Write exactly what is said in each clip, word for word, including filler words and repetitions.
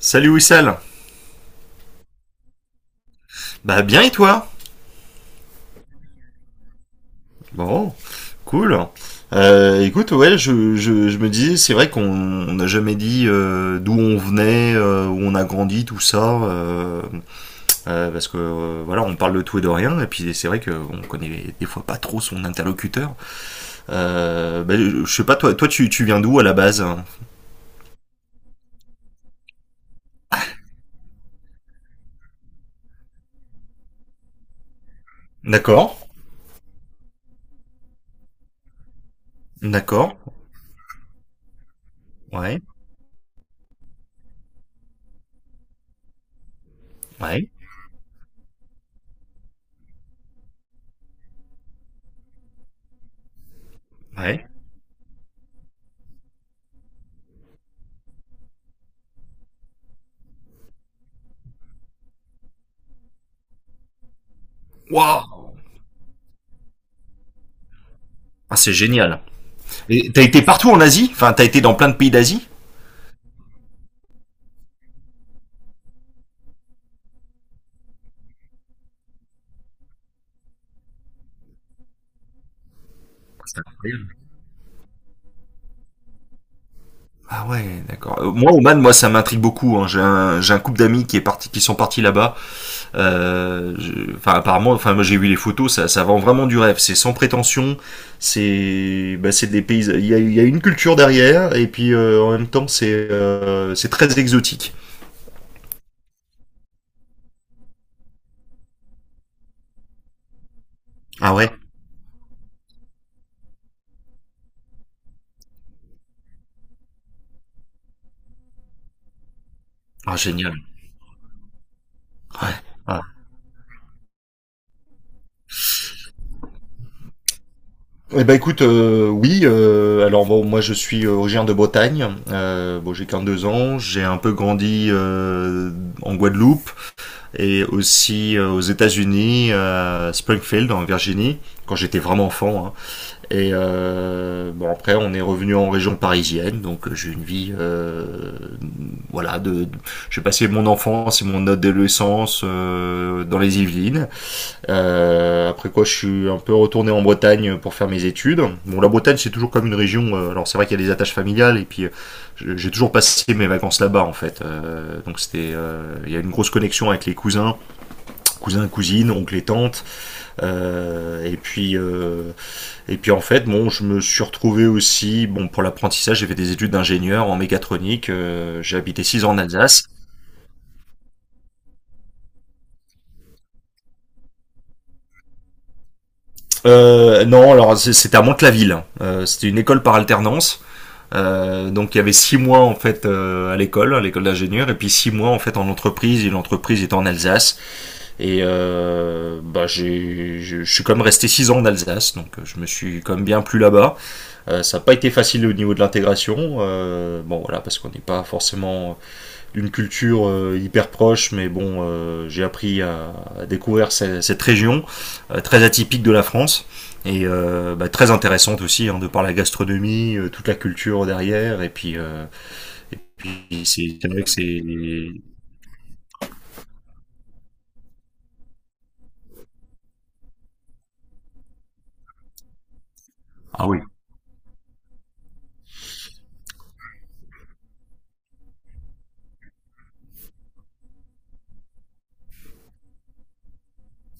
Salut Wissal. Bah, bien, et toi? Bon, cool. Euh, écoute, ouais, je, je, je me disais, c'est vrai qu'on on n'a jamais dit euh, d'où on venait, euh, où on a grandi, tout ça, euh, euh, parce que euh, voilà, on parle de tout et de rien, et puis c'est vrai qu'on connaît des fois pas trop son interlocuteur. Euh, bah, je je sais pas, toi, toi, tu, tu viens d'où à la base? D'accord. D'accord. Ouais. Ouais. Ouais. Waouh. Ah, c'est génial. Et t'as été partout en Asie? Enfin, t'as été dans plein de pays d'Asie? C'est incroyable. Ah ouais, d'accord. Euh, Moi, Oman, moi, ça m'intrigue beaucoup, hein. J'ai un, j'ai un couple d'amis qui est parti, qui sont partis là-bas. Euh, je- Enfin, apparemment, enfin, moi, j'ai vu les photos. Ça, ça vend vraiment du rêve. C'est sans prétention. C'est, bah, c'est des pays. Il y a, il y a une culture derrière, et puis euh, en même temps, c'est, euh, c'est très exotique. Ah ouais. Ah génial. Ouais. Ah. Eh ben écoute, euh, oui. Euh, alors bon, moi je suis originaire de Bretagne. Euh, bon, j'ai qu'un deux ans. J'ai un peu grandi euh, en Guadeloupe. Et aussi euh, aux États-Unis, à Springfield en Virginie, quand j'étais vraiment enfant, hein. Et euh, bon après on est revenu en région parisienne, donc euh, j'ai une vie euh, voilà de, de- j'ai passé mon enfance et mon adolescence euh, dans les Yvelines. Euh, après quoi je suis un peu retourné en Bretagne pour faire mes études. Bon, la Bretagne c'est toujours comme une région, euh, alors c'est vrai qu'il y a des attaches familiales et puis euh, j'ai toujours passé mes vacances là-bas en fait. Euh, donc c'était euh, il euh, y a une grosse connexion avec les cousins cousins, cousines, oncles et tantes. Euh, et puis, euh, et puis en fait, bon, je me suis retrouvé aussi, bon, pour l'apprentissage, j'ai fait des études d'ingénieur en mécatronique. Euh, j'ai habité six ans en Alsace. Euh, non, alors c'est- c'était à Mantes-la-Ville, hein. Euh, c'était une école par alternance. Euh, donc il y avait six mois en fait euh, à l'école, à l'école d'ingénieur, et puis six mois en fait en entreprise. Et l'entreprise était en Alsace. Et euh, bah j'ai, je je suis quand même resté six ans en Alsace, donc euh, je me suis quand même bien plu là-bas. Euh, ça n'a pas été facile au niveau de l'intégration, euh, bon voilà parce qu'on n'est pas forcément d'une culture euh, hyper proche, mais bon euh, j'ai appris à, à découvrir cette, cette région euh, très atypique de la France et euh, bah, très intéressante aussi, hein, de par la gastronomie, euh, toute la culture derrière et puis euh, et c'est c'est vrai que c'est... Ah oui.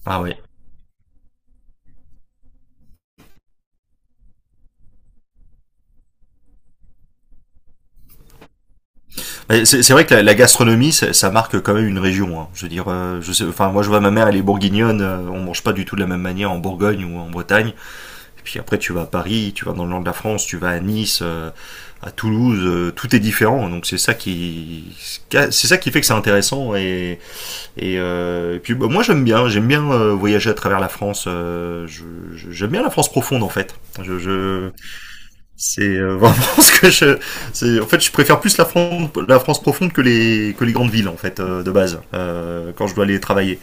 Ah ouais. Mais C'est c'est vrai que la, la gastronomie, ça, ça, marque quand même une région, hein. Je veux dire, euh, je sais, enfin moi je vois ma mère, elle est bourguignonne. Euh, on mange pas du tout de la même manière en Bourgogne ou en Bretagne. Et puis après, tu vas à Paris, tu vas dans le nord de la France, tu vas à Nice, euh, à Toulouse, euh, tout est différent. Donc c'est ça qui, c'est ça qui fait que c'est intéressant. Et, et, euh, et puis bah, moi j'aime bien, j'aime bien euh, voyager à travers la France. Euh, je- je- j'aime bien la France profonde en fait. Je, je- c'est euh, vraiment ce que je, c'est, en fait je préfère plus la France, la France profonde que les, que les grandes villes en fait euh, de base euh, quand je dois aller travailler.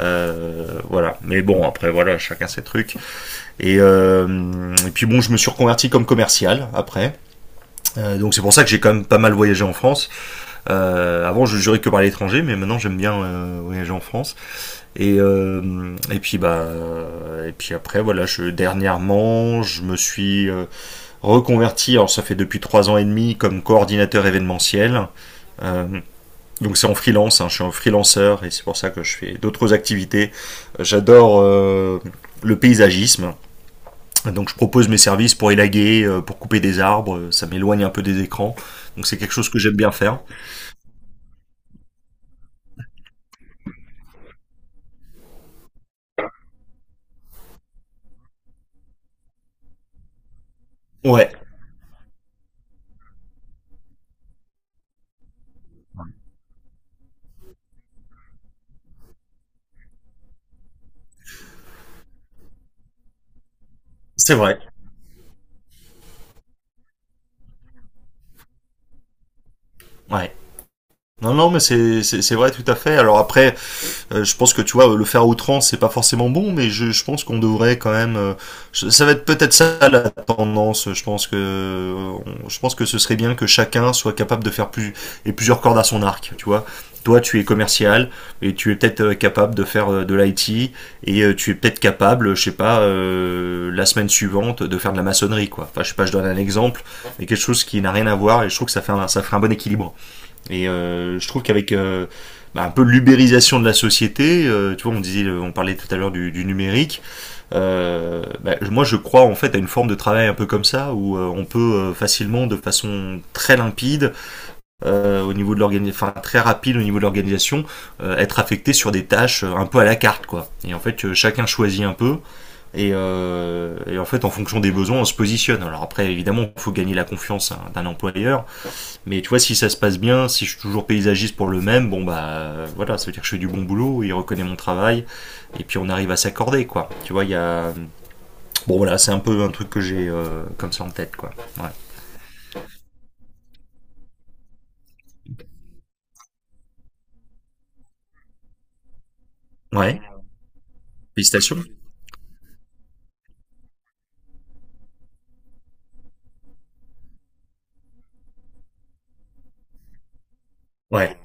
Euh, voilà. Mais bon après voilà, chacun ses trucs. Et, euh, et puis bon, je me suis reconverti comme commercial après. Euh, donc c'est pour ça que j'ai quand même pas mal voyagé en France. Euh, avant, je jurais que par l'étranger, mais maintenant j'aime bien euh, voyager en France. Et euh, et puis bah euh, et puis après voilà, je dernièrement je me suis euh, reconverti. Alors ça fait depuis trois ans et demi comme coordinateur événementiel. Euh, donc c'est en freelance, hein, je suis un freelanceur et c'est pour ça que je fais d'autres activités. J'adore euh, le paysagisme. Donc je propose mes services pour élaguer, euh, pour couper des arbres. Euh, ça m'éloigne un peu des écrans. Donc c'est quelque chose que j'aime bien faire. Ouais, c'est vrai. Ouais. Non, non, mais c'est c'est- c'est vrai tout à fait. Alors après, euh, je pense que tu vois, le faire à outrance, c'est pas forcément bon, mais je, je pense qu'on devrait quand même. Euh, je- ça va être peut-être ça la tendance. Je pense que euh, on- je pense que ce serait bien que chacun soit capable de faire plus et plusieurs cordes à son arc. Tu vois, toi, tu es commercial et tu es peut-être euh, capable de faire euh, de l'I T et euh, tu es peut-être capable, je sais pas, euh, la semaine suivante de faire de la maçonnerie, quoi. Enfin, je sais pas, je donne un exemple, mais quelque chose qui n'a rien à voir et je trouve que ça fait un, ça ferait un bon équilibre. Et euh, je trouve qu'avec euh, bah, un peu l'ubérisation de la société, euh, tu vois, on disait, on parlait tout à l'heure du, du numérique. Euh, bah, moi, je crois en fait à une forme de travail un peu comme ça où euh, on peut euh, facilement, de façon très limpide, euh, au niveau de l'organisation, enfin très rapide au niveau de l'organisation, euh, être affecté sur des tâches euh, un peu à la carte, quoi. Et en fait, euh, chacun choisit un peu et, euh, et en fait, en fonction des besoins, on se positionne. Alors après, évidemment, il faut gagner la confiance, hein, d'un employeur, mais tu vois, si ça se passe bien, si je suis toujours paysagiste pour le même, bon bah voilà, ça veut dire que je fais du bon boulot, il reconnaît mon travail, et puis on arrive à s'accorder, quoi. Tu vois, il y a... Bon voilà, c'est un peu un truc que j'ai euh, comme ça en tête, quoi. Ouais. Ouais. Félicitations. Ouais.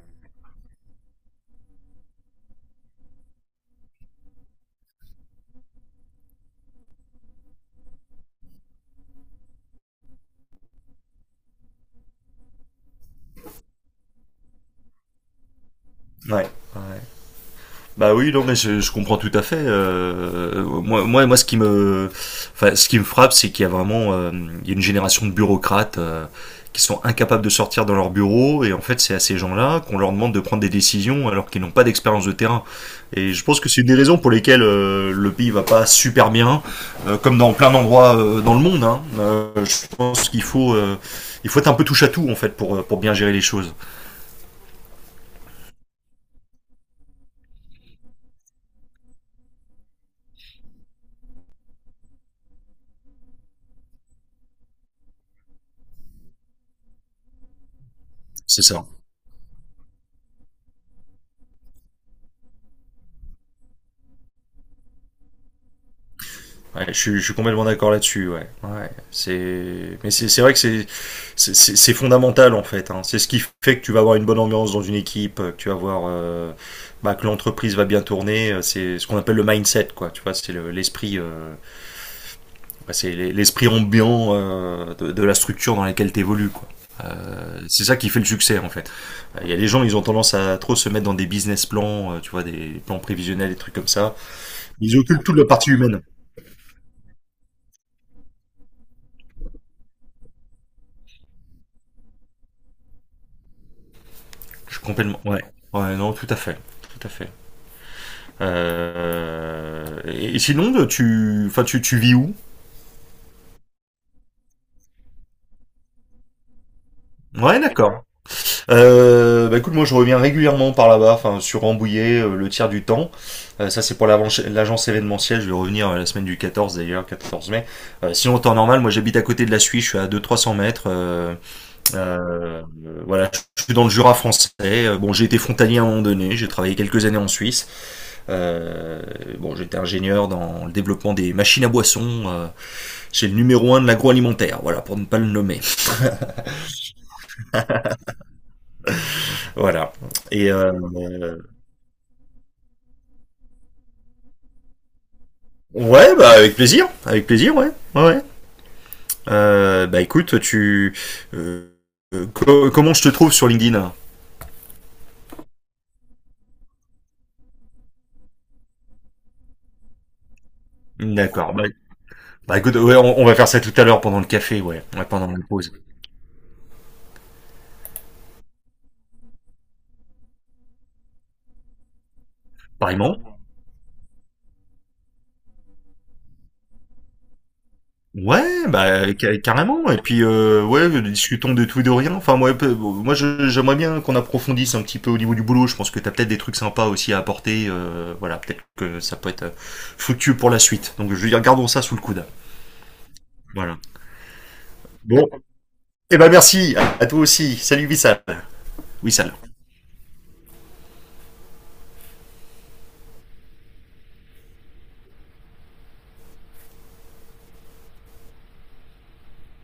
Ouais. Bah oui, non, mais je, je comprends tout à fait. Euh, moi, moi, moi, ce qui me, enfin, ce qui me frappe, c'est qu'il y a vraiment, euh, il y a une génération de bureaucrates euh, qui sont incapables de sortir dans leur bureau, et en fait, c'est à ces gens-là qu'on leur demande de prendre des décisions alors qu'ils n'ont pas d'expérience de terrain. Et je pense que c'est une des raisons pour lesquelles euh, le pays va pas super bien, euh, comme dans plein d'endroits euh, dans le monde, hein. Euh, je pense qu'il faut, euh, il faut être un peu touche à tout en fait pour euh, pour bien gérer les choses. C'est ça. Ouais, je, suis- je suis complètement d'accord là-dessus. Ouais. Ouais, c'est... Mais c'est, c'est vrai que c'est, c'est, c'est- c'est fondamental en fait, hein. C'est ce qui fait que tu vas avoir une bonne ambiance dans une équipe, euh, que tu vas avoir euh, bah, que l'entreprise va bien tourner. euh, C'est ce qu'on appelle le mindset, quoi. Tu vois, c'est le- l'esprit, euh, bah, c'est l'e- l'esprit ambiant euh, de, de la structure dans laquelle tu évolues, quoi. Euh, C'est ça qui fait le succès en fait. Euh, Il y a des gens, ils ont tendance à trop se mettre dans des business plans, euh, tu vois, des plans prévisionnels, des trucs comme ça. Ils occupent toute la partie humaine. Je suis complètement. Ouais. Ouais, non, tout à fait. Tout à fait. Euh, Et et sinon, tu, enfin, tu, tu vis où? Ouais, d'accord. Euh, bah écoute, moi je reviens régulièrement par là-bas, enfin sur Rambouillet euh, le tiers du temps. Euh, ça c'est pour l'avance- l'agence événementielle, je vais revenir euh, la semaine du quatorze d'ailleurs, quatorze mai. Euh, sinon en temps normal, moi j'habite à côté de la Suisse, je suis à deux, trois cents mètres. euh, euh, voilà, je je suis dans le Jura français. Euh, Bon, j'ai été frontalier à un moment donné, j'ai travaillé quelques années en Suisse. Euh, bon, j'étais ingénieur dans le développement des machines à boissons euh, chez le numéro un de l'agroalimentaire, voilà, pour ne pas le nommer. Voilà. Et euh, euh, ouais, bah avec plaisir, avec plaisir, ouais, ouais, ouais. Euh, bah écoute, tu euh, euh, co- comment je te trouve sur LinkedIn? D'accord. Bah, bah écoute, ouais, on, on va faire ça tout à l'heure pendant le café, ouais, ouais pendant la pause. Pareillement. Ouais, bah ca- carrément. Et puis euh, ouais, discutons de tout et de rien. Enfin moi, peu- moi je- J'aimerais bien qu'on approfondisse un petit peu au niveau du boulot. Je pense que t'as peut-être des trucs sympas aussi à apporter. Euh, voilà, peut-être que ça peut être euh, fructueux pour la suite. Donc je veux dire, gardons ça sous le coude. Voilà. Bon, et ben merci à, à toi aussi. Salut Wissal. Wissal.